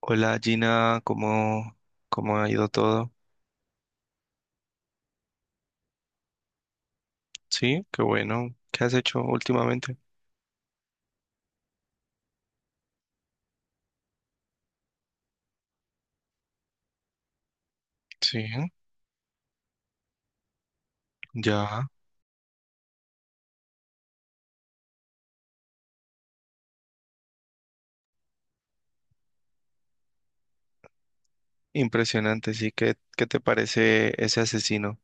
Hola Gina, ¿cómo ha ido todo? Sí, qué bueno. ¿Qué has hecho últimamente? Sí, ya. Impresionante, sí. ¿Qué te parece ese asesino?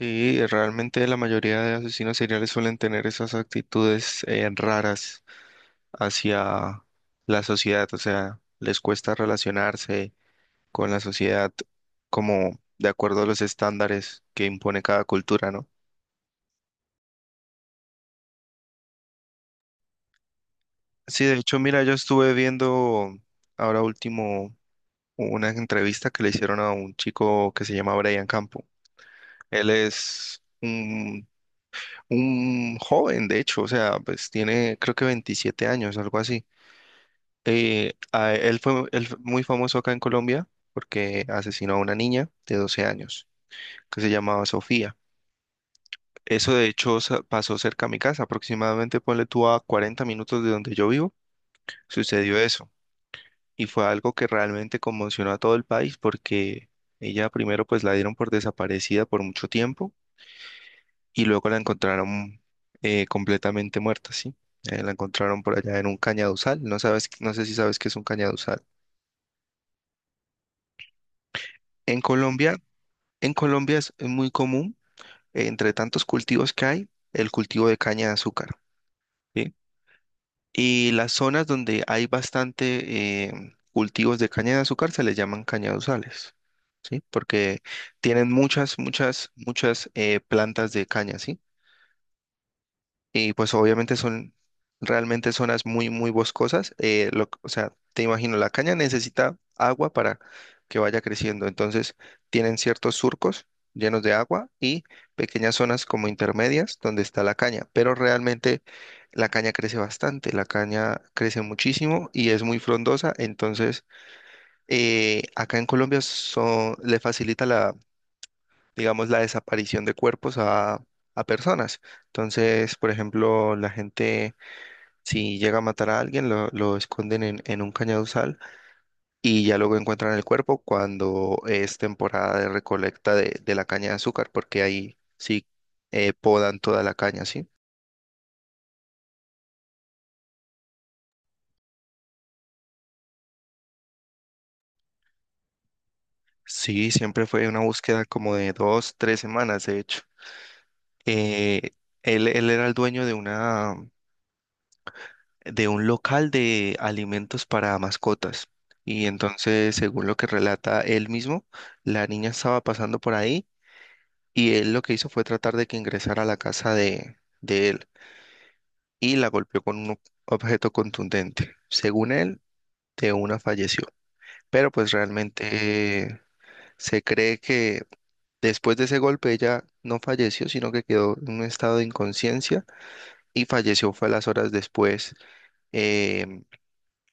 Sí, realmente la mayoría de asesinos seriales suelen tener esas actitudes raras hacia la sociedad, o sea, les cuesta relacionarse con la sociedad como de acuerdo a los estándares que impone cada cultura, ¿no? Sí, de hecho, mira, yo estuve viendo ahora último una entrevista que le hicieron a un chico que se llama Brian Campo. Él es un joven, de hecho, o sea, pues tiene creo que 27 años, algo así. Él fue muy famoso acá en Colombia porque asesinó a una niña de 12 años que se llamaba Sofía. Eso de hecho pasó cerca a mi casa, aproximadamente ponle tú a 40 minutos de donde yo vivo, sucedió eso. Y fue algo que realmente conmocionó a todo el país porque ella primero pues la dieron por desaparecida por mucho tiempo y luego la encontraron completamente muerta, ¿sí? La encontraron por allá en un cañaduzal, no sabes, no sé si sabes qué es un cañaduzal. En Colombia, en Colombia es muy común, entre tantos cultivos que hay, el cultivo de caña de azúcar, ¿sí? Y las zonas donde hay bastante cultivos de caña de azúcar se les llaman cañaduzales, ¿sí? Porque tienen muchas, muchas, muchas plantas de caña, ¿sí? Y pues obviamente son realmente zonas muy, muy boscosas. O sea, te imagino, la caña necesita agua para que vaya creciendo. Entonces, tienen ciertos surcos llenos de agua y pequeñas zonas como intermedias donde está la caña. Pero realmente la caña crece bastante, la caña crece muchísimo y es muy frondosa. Entonces, acá en Colombia le facilita, digamos, la desaparición de cuerpos a personas. Entonces, por ejemplo, la gente, si llega a matar a alguien, lo esconden en un cañaduzal y ya luego encuentran el cuerpo cuando es temporada de recolecta de la caña de azúcar, porque ahí sí podan toda la caña, ¿sí? Sí, siempre fue una búsqueda como de dos, tres semanas, de hecho. Eh, él era el dueño de un local de alimentos para mascotas. Y entonces, según lo que relata él mismo, la niña estaba pasando por ahí y él lo que hizo fue tratar de que ingresara a la casa de él y la golpeó con un objeto contundente. Según él, de una falleció. Pero pues realmente se cree que después de ese golpe ella no falleció, sino que quedó en un estado de inconsciencia y falleció fue a las horas después, em,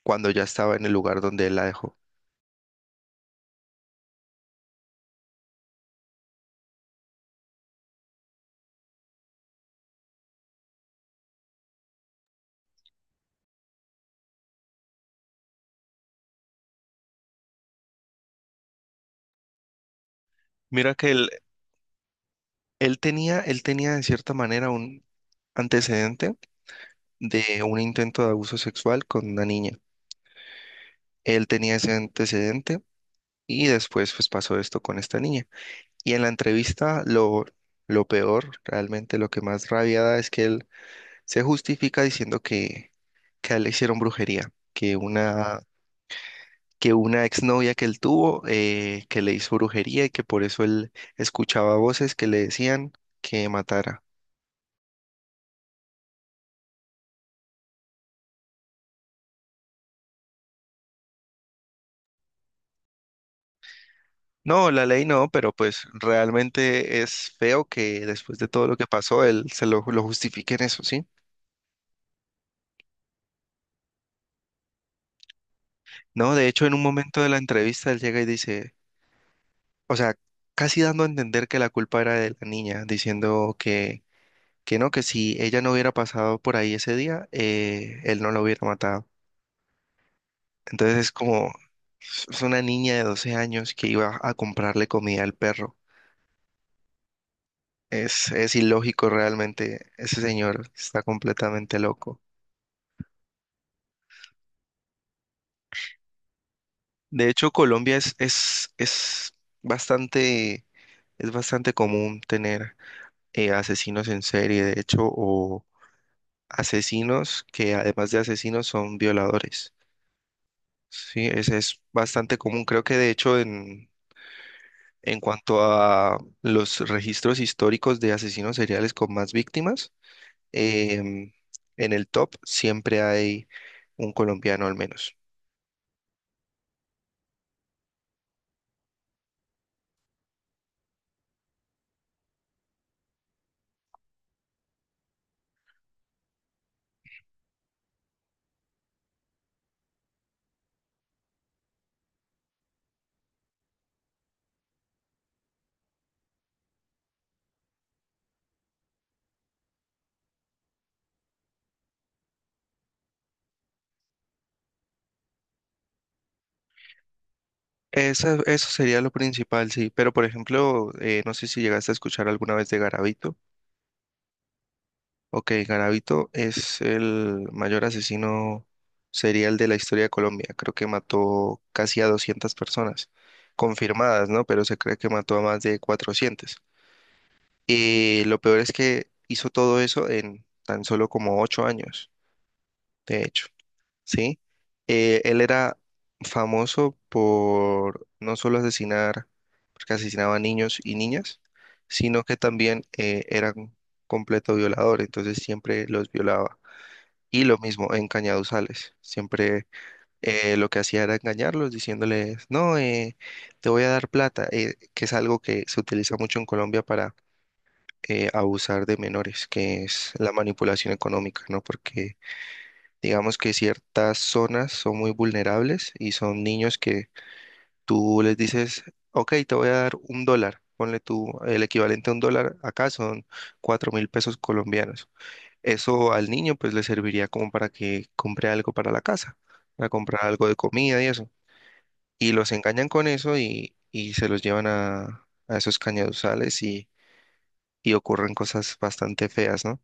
cuando ya estaba en el lugar donde él la dejó. Mira que él tenía de cierta manera un antecedente de un intento de abuso sexual con una niña. Él tenía ese antecedente y después pues pasó esto con esta niña. Y en la entrevista lo peor, realmente lo que más rabia da es que él se justifica diciendo que a él le hicieron brujería, que una exnovia que él tuvo que le hizo brujería y que por eso él escuchaba voces que le decían que matara. No, la ley no, pero pues realmente es feo que después de todo lo que pasó, él se lo justifique en eso, ¿sí? No, de hecho, en un momento de la entrevista, él llega y dice, o sea, casi dando a entender que la culpa era de la niña, diciendo que no, que si ella no hubiera pasado por ahí ese día, él no la hubiera matado. Entonces es como, es una niña de 12 años que iba a comprarle comida al perro. Es ilógico realmente, ese señor está completamente loco. De hecho, Colombia bastante, es bastante común tener asesinos en serie, de hecho, o asesinos que además de asesinos son violadores. Sí, es bastante común. Creo que de hecho en cuanto a los registros históricos de asesinos seriales con más víctimas, em, en el top siempre hay un colombiano al menos. Eso sería lo principal, sí. Pero, por ejemplo, no sé si llegaste a escuchar alguna vez de Garavito. Ok, Garavito es el mayor asesino serial de la historia de Colombia. Creo que mató casi a 200 personas, confirmadas, ¿no? Pero se cree que mató a más de 400. Y lo peor es que hizo todo eso en tan solo como 8 años, de hecho, ¿sí? Él era famoso por no solo asesinar, porque asesinaba a niños y niñas, sino que también era un completo violador, entonces siempre los violaba. Y lo mismo en Cañaduzales, siempre lo que hacía era engañarlos diciéndoles, no, te voy a dar plata, que es algo que se utiliza mucho en Colombia para abusar de menores, que es la manipulación económica, ¿no? Porque digamos que ciertas zonas son muy vulnerables y son niños que tú les dices, ok, te voy a dar un dólar, ponle tú el equivalente a un dólar, acá son 4.000 pesos colombianos. Eso al niño pues le serviría como para que compre algo para la casa, para comprar algo de comida y eso. Y los engañan con eso y, se los llevan a esos cañaduzales y, ocurren cosas bastante feas, ¿no?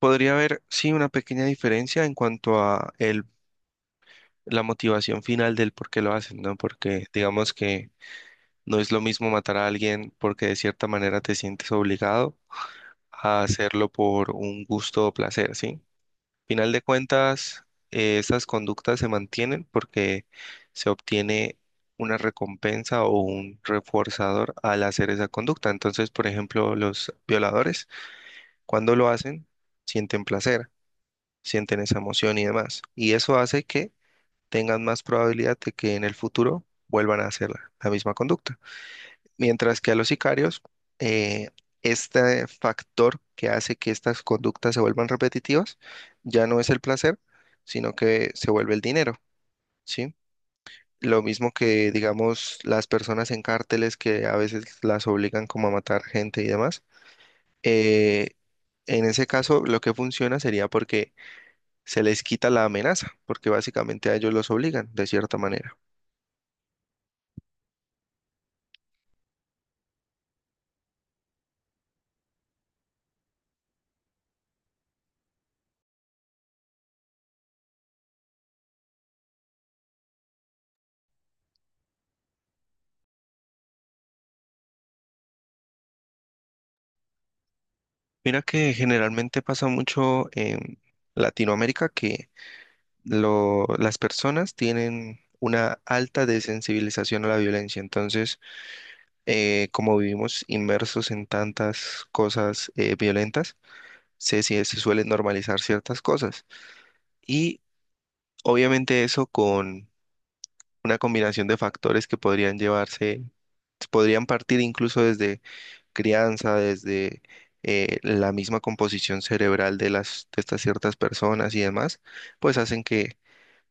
Podría haber, sí, una pequeña diferencia en cuanto a el la motivación final del por qué lo hacen, ¿no? Porque digamos que no es lo mismo matar a alguien porque de cierta manera te sientes obligado a hacerlo por un gusto o placer, ¿sí? Final de cuentas, esas conductas se mantienen porque se obtiene una recompensa o un reforzador al hacer esa conducta. Entonces, por ejemplo, los violadores, cuando lo hacen, sienten placer, sienten esa emoción y demás. Y eso hace que tengan más probabilidad de que en el futuro vuelvan a hacer la misma conducta. Mientras que a los sicarios, eh, este factor que hace que estas conductas se vuelvan repetitivas ya no es el placer, sino que se vuelve el dinero, ¿sí? Lo mismo que, digamos, las personas en cárteles que a veces las obligan como a matar gente y demás. eh, en ese caso, lo que funciona sería porque se les quita la amenaza, porque básicamente a ellos los obligan de cierta manera. Mira que generalmente pasa mucho en Latinoamérica que las personas tienen una alta desensibilización a la violencia. Entonces, como vivimos inmersos en tantas cosas violentas, se suelen normalizar ciertas cosas. Y obviamente eso con una combinación de factores que podrían llevarse, podrían partir incluso desde crianza, desde la misma composición cerebral de las, de estas ciertas personas y demás, pues hacen que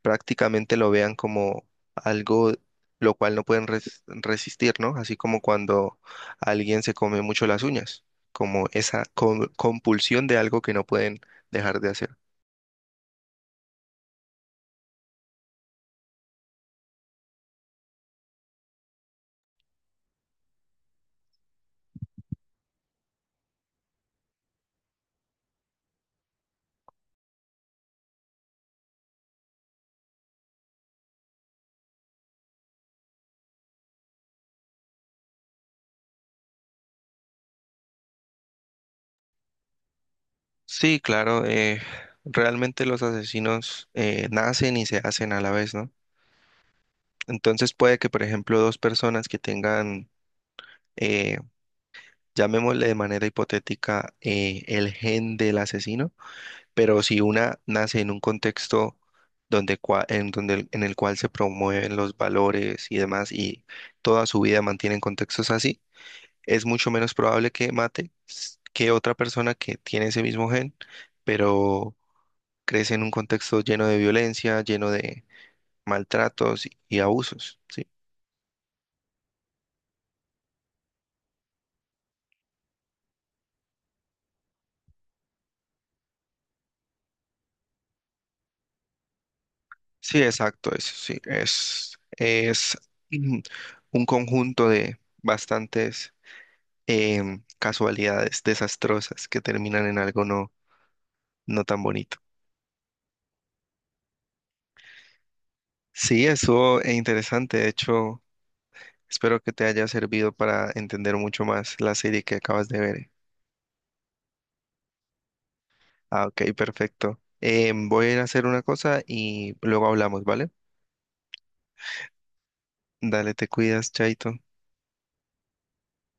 prácticamente lo vean como algo lo cual no pueden resistir, ¿no? Así como cuando alguien se come mucho las uñas, como esa compulsión de algo que no pueden dejar de hacer. Sí, claro, realmente los asesinos nacen y se hacen a la vez, ¿no? Entonces puede que, por ejemplo, dos personas que tengan, llamémosle de manera hipotética, el gen del asesino, pero si una nace en un contexto donde, cua- en, donde el- en el cual se promueven los valores y demás y toda su vida mantiene en contextos así, es mucho menos probable que mate que otra persona que tiene ese mismo gen, pero crece en un contexto lleno de violencia, lleno de maltratos y abusos, ¿sí? Sí, exacto, eso sí, es mm, un conjunto de bastantes casualidades desastrosas que terminan en algo no, no tan bonito. Sí, estuvo interesante, de hecho, espero que te haya servido para entender mucho más la serie que acabas de ver. Ah, ok, perfecto. Voy a ir a hacer una cosa y luego hablamos, ¿vale? Dale, te cuidas, Chaito.